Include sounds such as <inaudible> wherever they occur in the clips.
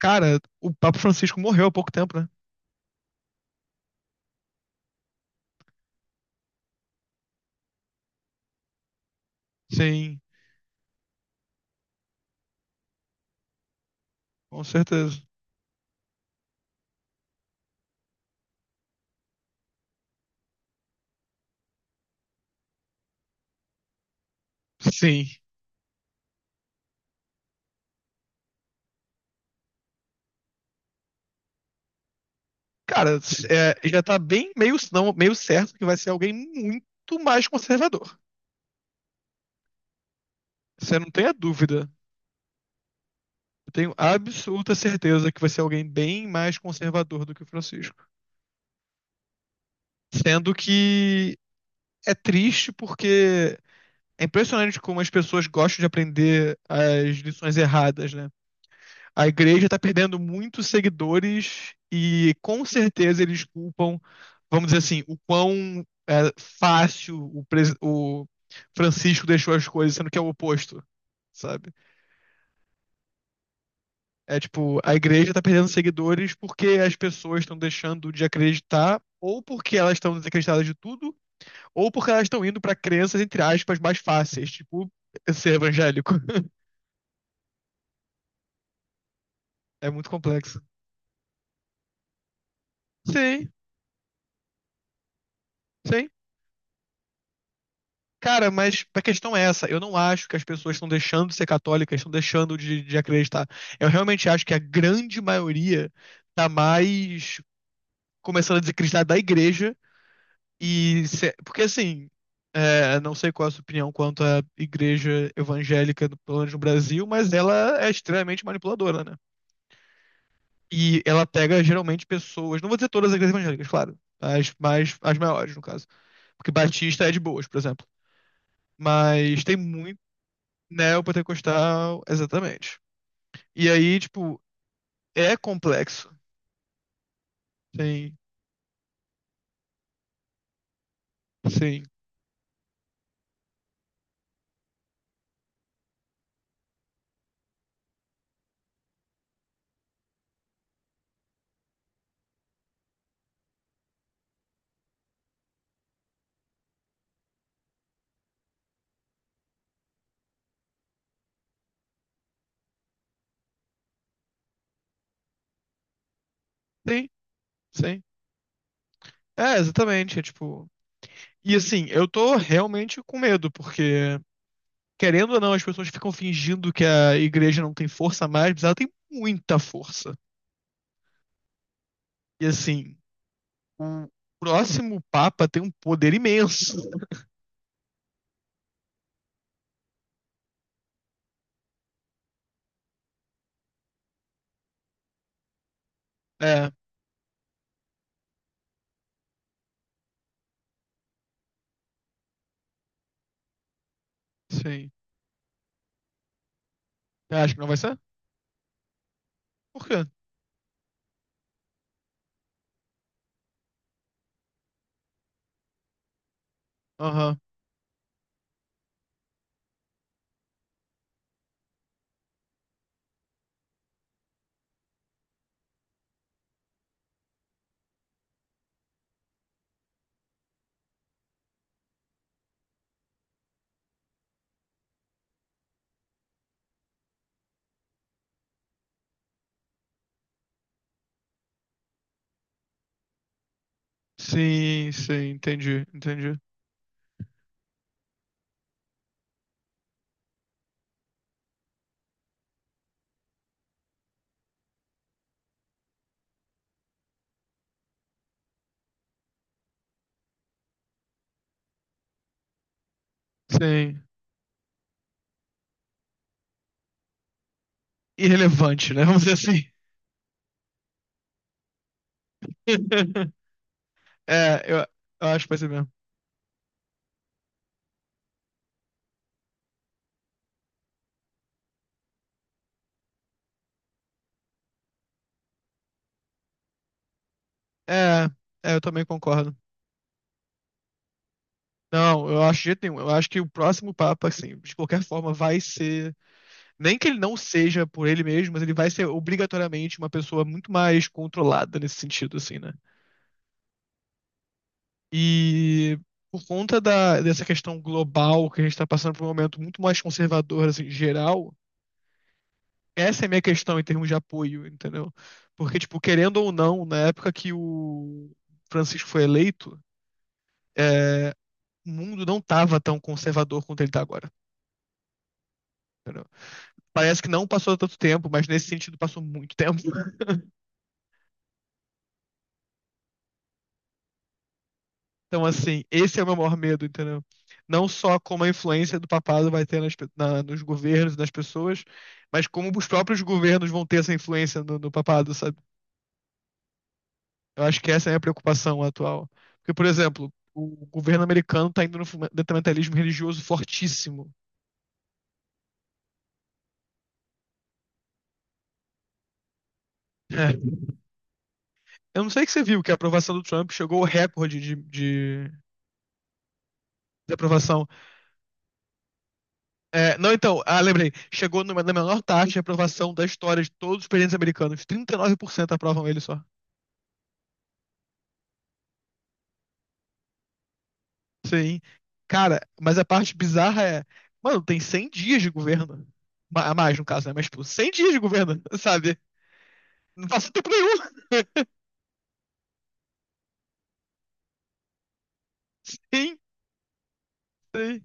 Cara, o Papa Francisco morreu há pouco tempo, né? Sim, com certeza. Sim. Cara, é, já tá bem meio, não, meio certo que vai ser alguém muito mais conservador. Você não tem a dúvida. Eu tenho absoluta certeza que vai ser alguém bem mais conservador do que o Francisco. Sendo que é triste porque é impressionante como as pessoas gostam de aprender as lições erradas, né? A igreja está perdendo muitos seguidores e com certeza eles culpam, vamos dizer assim, o quão é, fácil o Francisco deixou as coisas, sendo que é o oposto, sabe? É tipo, a igreja está perdendo seguidores porque as pessoas estão deixando de acreditar, ou porque elas estão desacreditadas de tudo, ou porque elas estão indo para crenças, entre aspas, mais fáceis, tipo ser evangélico. <laughs> É muito complexo. Sim, sim. Cara, mas a questão é essa. Eu não acho que as pessoas estão deixando de ser católicas, estão deixando de acreditar. Eu realmente acho que a grande maioria tá mais começando a desacreditar da igreja e porque assim, é, não sei qual é a sua opinião quanto à igreja evangélica, pelo menos no Brasil, mas ela é extremamente manipuladora, né? E ela pega geralmente pessoas, não vou dizer todas as igrejas evangélicas, claro, as maiores no caso, porque Batista é de boas, por exemplo. Mas tem muito Neopentecostal, exatamente. E aí, tipo, é complexo. Sim, sim, sim, sim. É, exatamente. É tipo. E assim, eu tô realmente com medo, porque, querendo ou não, as pessoas ficam fingindo que a igreja não tem força mais, mas ela tem muita força. E assim, o próximo Papa tem um poder imenso. É, sim. Acho que não vai ser? Por quê? Aham. Sim, sim, entendi, entendi. Sim. Irrelevante, né? <laughs> Vamos dizer assim. <laughs> É, eu acho que vai ser mesmo. É, é, eu também concordo. Não, eu acho de jeito nenhum. Eu acho que o próximo Papa, assim, de qualquer forma, vai ser. Nem que ele não seja por ele mesmo, mas ele vai ser obrigatoriamente uma pessoa muito mais controlada nesse sentido, assim, né? E por conta dessa questão global que a gente está passando por um momento muito mais conservador, assim, geral, essa é a minha questão em termos de apoio, entendeu? Porque, tipo, querendo ou não, na época que o Francisco foi eleito, é, o mundo não estava tão conservador quanto ele está agora, entendeu? Parece que não passou tanto tempo, mas nesse sentido passou muito tempo. Então, assim, esse é o meu maior medo, entendeu? Não só como a influência do papado vai ter nas nos governos e nas pessoas, mas como os próprios governos vão ter essa influência no papado, sabe? Eu acho que essa é a minha preocupação atual. Porque, por exemplo, o governo americano está indo no fundamentalismo religioso fortíssimo, né? Eu não sei que você viu que a aprovação do Trump chegou ao recorde de desaprovação. É, não, então, ah, lembrei. Chegou numa, na menor taxa de aprovação da história de todos os presidentes americanos. 39% aprovam ele só. Sim. Cara, mas a parte bizarra é. Mano, tem 100 dias de governo. A mais, no caso, né? Mas, tipo, 100 dias de governo, <laughs> sabe? Não faz tempo nenhum. <laughs> Sim, sim,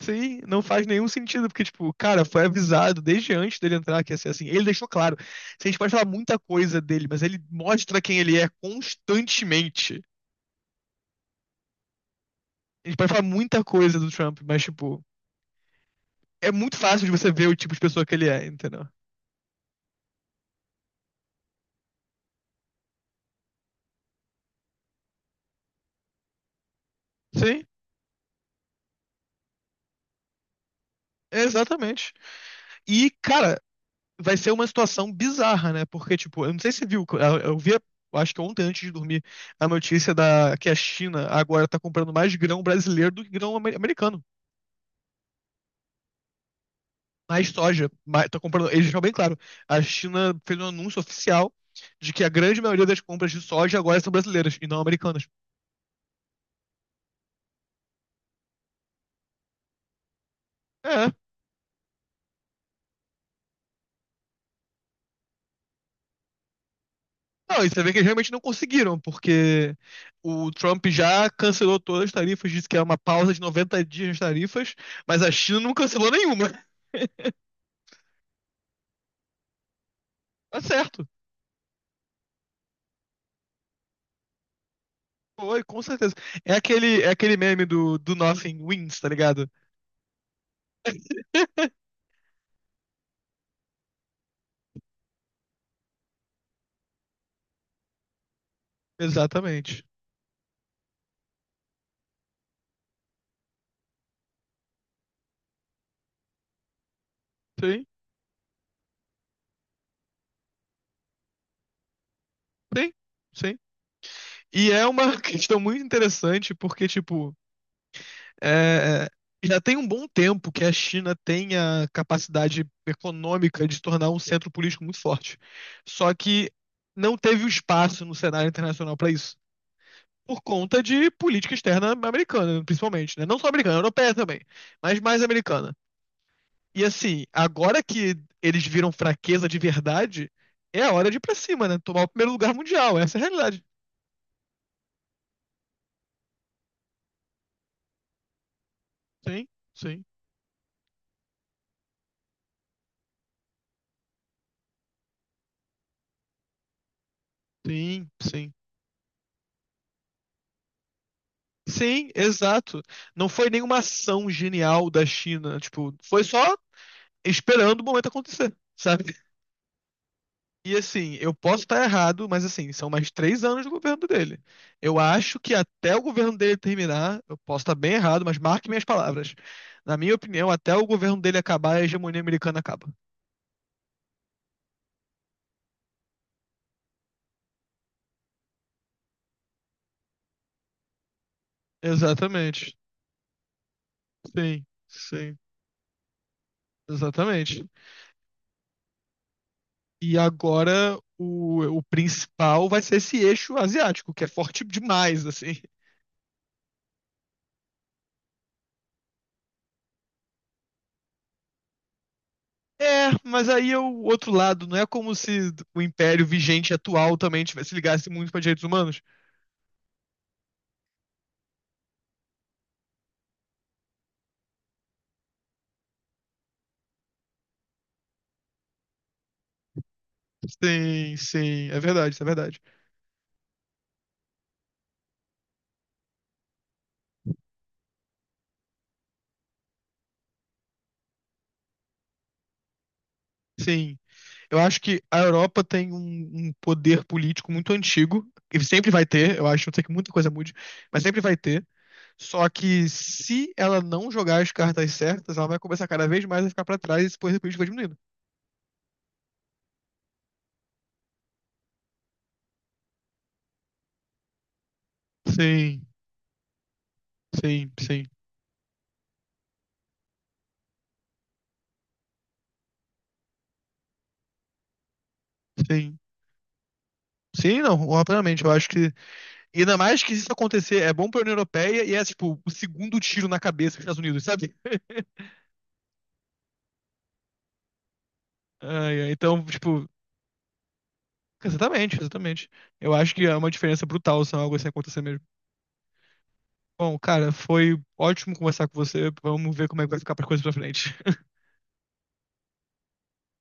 sim. Não faz nenhum sentido, porque, tipo, cara, foi avisado desde antes dele entrar que ia ser assim. Ele deixou claro. A gente pode falar muita coisa dele, mas ele mostra quem ele é constantemente. A gente pode falar muita coisa do Trump, mas, tipo. É muito fácil de você ver o tipo de pessoa que ele é, entendeu? Sim, exatamente. E, cara, vai ser uma situação bizarra, né? Porque, tipo, eu não sei se você viu, eu vi, eu acho que ontem antes de dormir, a notícia da que a China agora tá comprando mais grão brasileiro do que grão americano. Mais soja. Mais, tá comprando, eles deixaram bem claro. A China fez um anúncio oficial de que a grande maioria das compras de soja agora são brasileiras e não americanas. É. Não, e você vê que eles realmente não conseguiram, porque o Trump já cancelou todas as tarifas, disse que é uma pausa de 90 dias nas tarifas, mas a China não cancelou nenhuma. <laughs> Tá certo. Foi, com certeza. É aquele meme do, do Nothing Wins, tá ligado? <laughs> Exatamente. Sim, sim, sim. E é uma <laughs> questão muito interessante, porque, tipo, é, é, já tem um bom tempo que a China tem a capacidade econômica de se tornar um centro político muito forte. Só que não teve o espaço no cenário internacional para isso. Por conta de política externa americana, principalmente, né? Não só americana, europeia também, mas mais americana. E assim, agora que eles viram fraqueza de verdade, é a hora de ir pra cima, né? Tomar o primeiro lugar mundial. Essa é a realidade. Sim, sim, sim, sim. Sim, exato. Não foi nenhuma ação genial da China, tipo, foi só esperando o momento acontecer, sabe? E assim, eu posso estar errado, mas assim, são mais 3 anos do governo dele. Eu acho que até o governo dele terminar, eu posso estar bem errado, mas marque minhas palavras. Na minha opinião, até o governo dele acabar, a hegemonia americana acaba. Exatamente. Sim, sim, exatamente. E agora o principal vai ser esse eixo asiático, que é forte demais, assim. É, mas aí é o outro lado. Não é como se o império vigente atual também tivesse, se ligasse muito para direitos humanos. Sim, sim, é verdade, isso é verdade. Sim, eu acho que a Europa tem um poder político muito antigo. E sempre vai ter, eu acho, não sei que muita coisa mude, mas sempre vai ter. Só que se ela não jogar as cartas certas, ela vai começar cada vez mais a ficar para trás e esse poder político vai diminuindo. Sim, sim, sim, sim. Sim, não, rapidamente. Eu acho que. E ainda mais que se isso acontecer, é bom pra União Europeia e é, tipo, o segundo tiro na cabeça dos Estados Unidos, sabe? Ai, ai, então, tipo, exatamente, exatamente. Eu acho que é uma diferença brutal se algo assim acontecer mesmo. Bom, cara, foi ótimo conversar com você. Vamos ver como é que vai ficar para coisas pra frente.